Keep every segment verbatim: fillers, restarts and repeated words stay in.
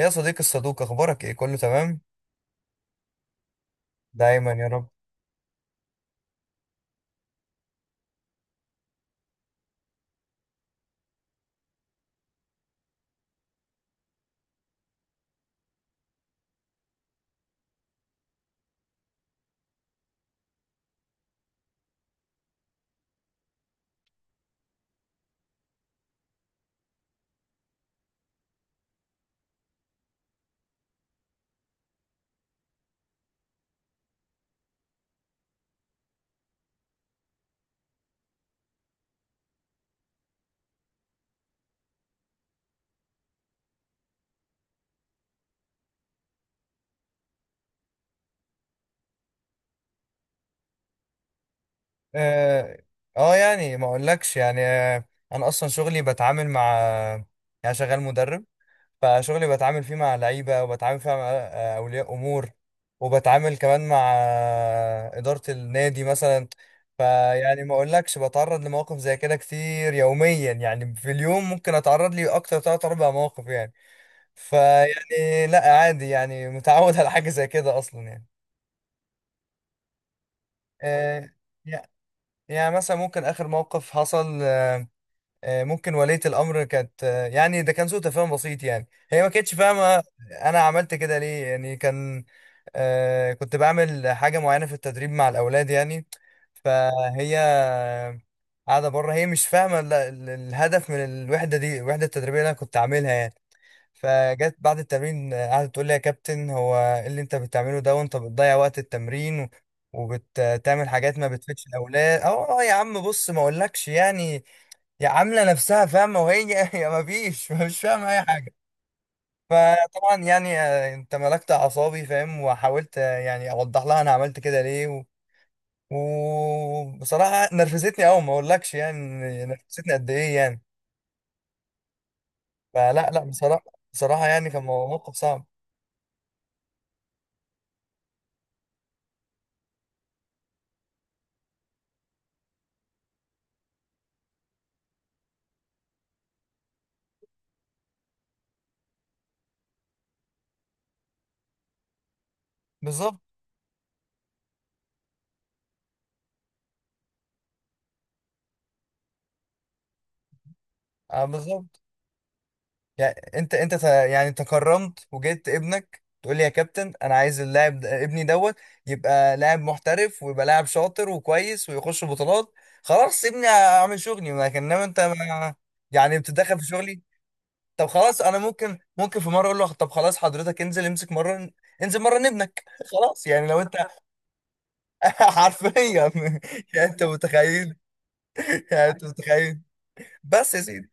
يا صديقي الصدوق، اخبارك ايه؟ كله تمام؟ دايما يا رب. اه, آه يعني ما اقولكش يعني. آه انا اصلا شغلي بتعامل مع، يعني شغال مدرب. فشغلي بتعامل فيه مع لعيبه، وبتعامل فيه مع آه، اولياء امور، وبتعامل كمان مع آه، اداره النادي مثلا. فيعني ما اقولكش بتعرض لمواقف زي كده كتير يوميا، يعني في اليوم ممكن اتعرض لي اكتر تلات اربع مواقف يعني. فيعني لا، عادي يعني، متعود على حاجه زي كده اصلا يعني. آه، يع- يعني مثلا ممكن آخر موقف حصل، آه، ممكن ولية الأمر كانت، آه، يعني ده كان سوء تفاهم بسيط يعني. هي ما كانتش فاهمة أنا عملت كده ليه يعني. كان آه، كنت بعمل حاجة معينة في التدريب مع الأولاد يعني. فهي قاعدة بره، هي مش فاهمة ال- ال- الهدف من الوحدة دي، الوحدة التدريبية اللي أنا كنت عاملها يعني. فجت بعد التمرين، قعدت تقول لي يا كابتن، هو ايه اللي انت بتعمله ده؟ وانت بتضيع وقت التمرين و- وبتعمل حاجات ما بتفيدش الاولاد. اه، آه يا عم بص ما اقولكش يعني، يا عامله نفسها فاهمه وهي هي ما فيش مش فاهمه اي حاجه. فطبعا يعني آه، انت ملكت اعصابي فاهم، وحاولت آه، يعني اوضح لها انا عملت كده ليه و... وبصراحه نرفزتني قوي ما اقولكش يعني، نرفزتني قد ايه يعني. فلا لا بصراحه، بصراحه يعني كان موقف صعب. بالظبط. اه بالظبط. يعني انت انت ت- يعني تكرمت وجبت ابنك تقول لي يا كابتن، انا عايز اللاعب ده- ابني دوت يبقى لاعب محترف، ويبقى لاعب شاطر وكويس، ويخش بطولات. خلاص ابني، اعمل شغلي، لكن انما انت ما، يعني بتتدخل في شغلي. طب خلاص، انا ممكن، ممكن في مره اقول له طب خلاص حضرتك انزل امسك مره، انزل مره ابنك خلاص يعني، لو انت حرفيا يعني. انت متخيل؟ يعني انت متخيل؟ بس يا سيدي.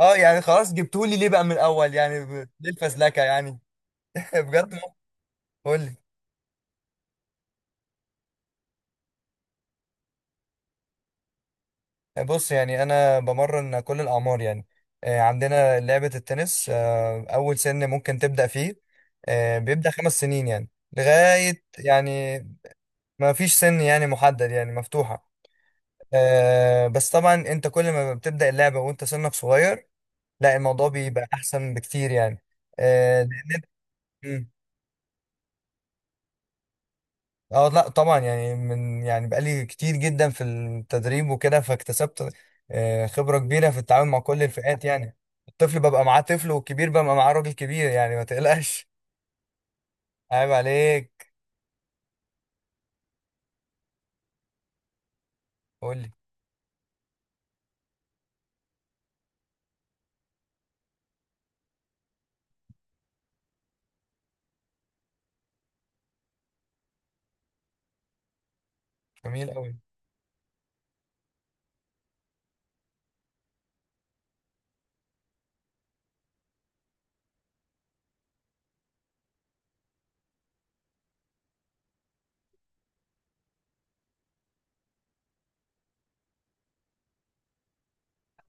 اه، يعني خلاص جبتولي ليه بقى من الاول يعني؟ ب- ليه الفزلكه يعني؟ بجد. قول لي. بص يعني انا بمرن كل الاعمار يعني. آه، عندنا لعبه التنس، آه، اول سن ممكن تبدا فيه آه، بيبدا خمس سنين يعني، لغايه يعني، ما فيش سن يعني محدد، يعني مفتوحه. آه، بس طبعا انت كل ما بتبدا اللعبه وانت سنك صغير، لا الموضوع بيبقى احسن بكتير يعني. آه، اه لا طبعا يعني، من يعني بقالي كتير جدا في التدريب وكده، فاكتسبت آه، خبرة كبيرة في التعامل مع كل الفئات يعني. الطفل ببقى معاه طفل، والكبير ببقى معاه راجل كبير، يعني ما تقلقش. عيب عليك. قول لي. جميل قوي.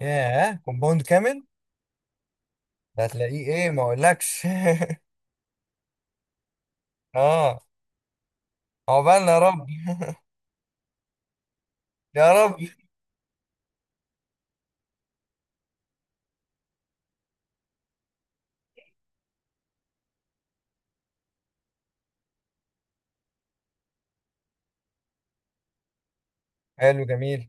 ياه، كومباوند كامل؟ ده هتلاقيه ايه ما اقولكش. اه. عقبالنا يا رب. يا رب. حلو. جميل.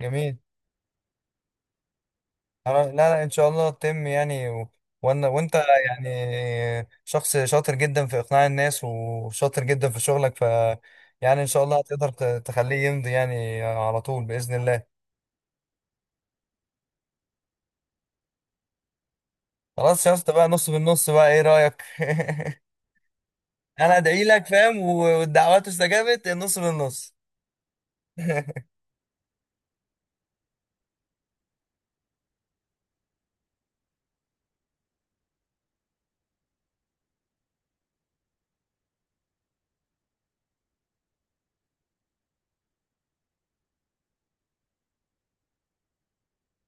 جميل. أنا- لا لا ان شاء الله تتم يعني و... وانا وانت، يعني شخص شاطر جدا في اقناع الناس، وشاطر جدا في شغلك، ف يعني ان شاء الله هتقدر ت- تخليه يمضي يعني على طول باذن الله. خلاص يا اسطى بقى، نص بالنص، بقى ايه رايك؟ انا ادعي لك فاهم، والدعوات استجابت، النص بالنص.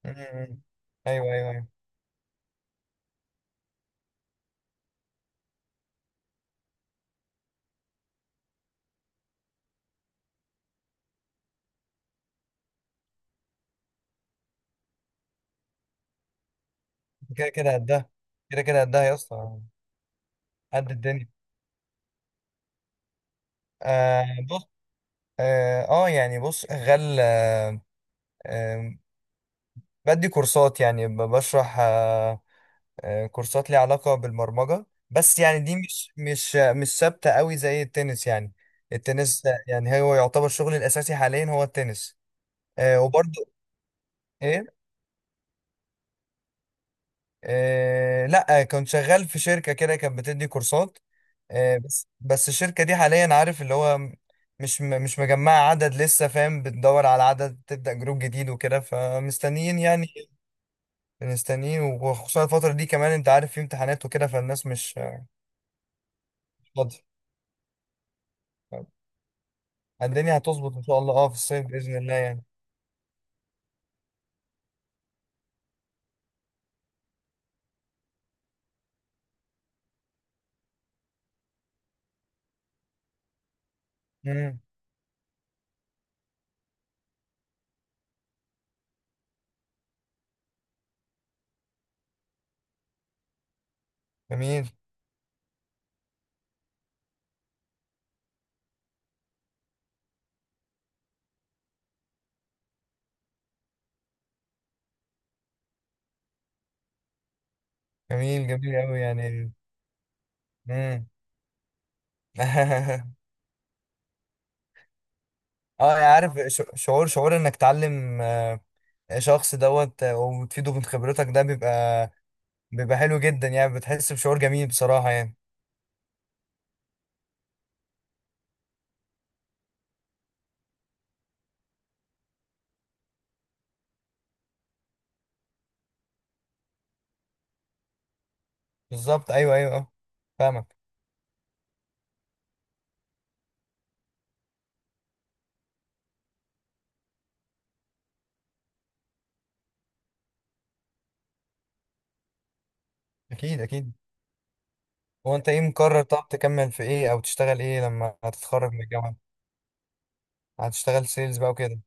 أمم. ايوه، ايوه، ايوه. كده كده قدها. كده كده قدها يا اسطى. قد الدنيا. آه بص. اه، آه، يعني بص غل آه، بدي كورسات يعني ب- بشرح، آه، آه، كورسات ليها علاقة بالبرمجة، بس يعني دي مش مش مش ثابتة قوي زي التنس يعني. التنس ده يعني هو يعتبر شغلي الأساسي حاليا، هو التنس. آه، وبرضه، إيه، آه، لأ كنت شغال في شركة كده، كانت بتدي كورسات. آه، بس بس الشركة دي حاليا، عارف اللي هو م- مش م- مش مجمعة عدد لسه فاهم، بتدور على عدد تبدأ جروب جديد وكده، فمستنيين يعني. مستنيين، وخصوصا الفترة دي كمان انت عارف في امتحانات وكده، فالناس مش مش فاضية. الدنيا هتظبط ان شاء الله، اه في الصيف بإذن الله يعني. امم. جميل. جميل. جميل قوي يعني. امم. اه انا عارف ش- شعور شعور انك تعلم آه، شخص دوت آه، وتفيده من خبرتك، ده بيبقى، بيبقى حلو جدا يعني، بتحس بشعور جميل بصراحة يعني. بالظبط. ايوه ايوه اه. فاهمك. اكيد اكيد. هو انت ايه مقرر؟ طب تكمل في ايه او تشتغل ايه لما هتتخرج من الجامعة؟ هتشتغل سيلز بقى وكده.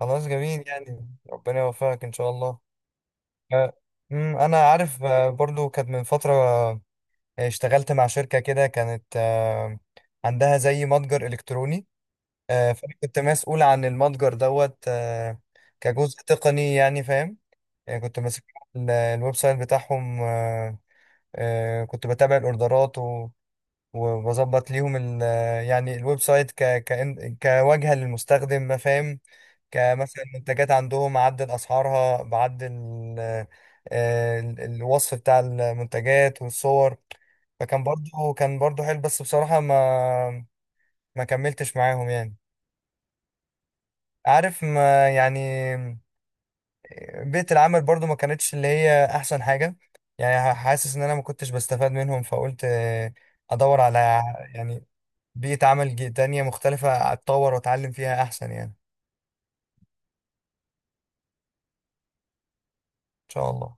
خلاص، جميل يعني، ربنا يوفقك ان شاء الله. آه، أمم، انا عارف آه، برضو كانت من فترة آه، اشتغلت مع شركة كده، كانت آه، عندها زي متجر الكتروني. آه، فانا كنت مسؤول عن المتجر دوت آه، كجزء تقني يعني فاهم. يعني كنت ماسك ال- الويب سايت بتاعهم، آه، آه، كنت بتابع الاوردرات و- وبظبط ليهم ال- يعني الويب سايت ك كإن- كواجهة للمستخدم فاهم. كمثلا منتجات عندهم عدل اسعارها، بعدل ال- ال- الوصف بتاع المنتجات والصور. فكان برضو كان برضو حلو، بس بصراحة ما ما كملتش معاهم يعني. عارف ما يعني، بيئة العمل برضو ما كانتش اللي هي أحسن حاجة، يعني حاسس إن أنا ما كنتش بستفاد منهم، فقلت آه، أدور على، يعني بيئة عمل جي- تانية مختلفة أتطور وأتعلم فيها أحسن، يعني إن شاء الله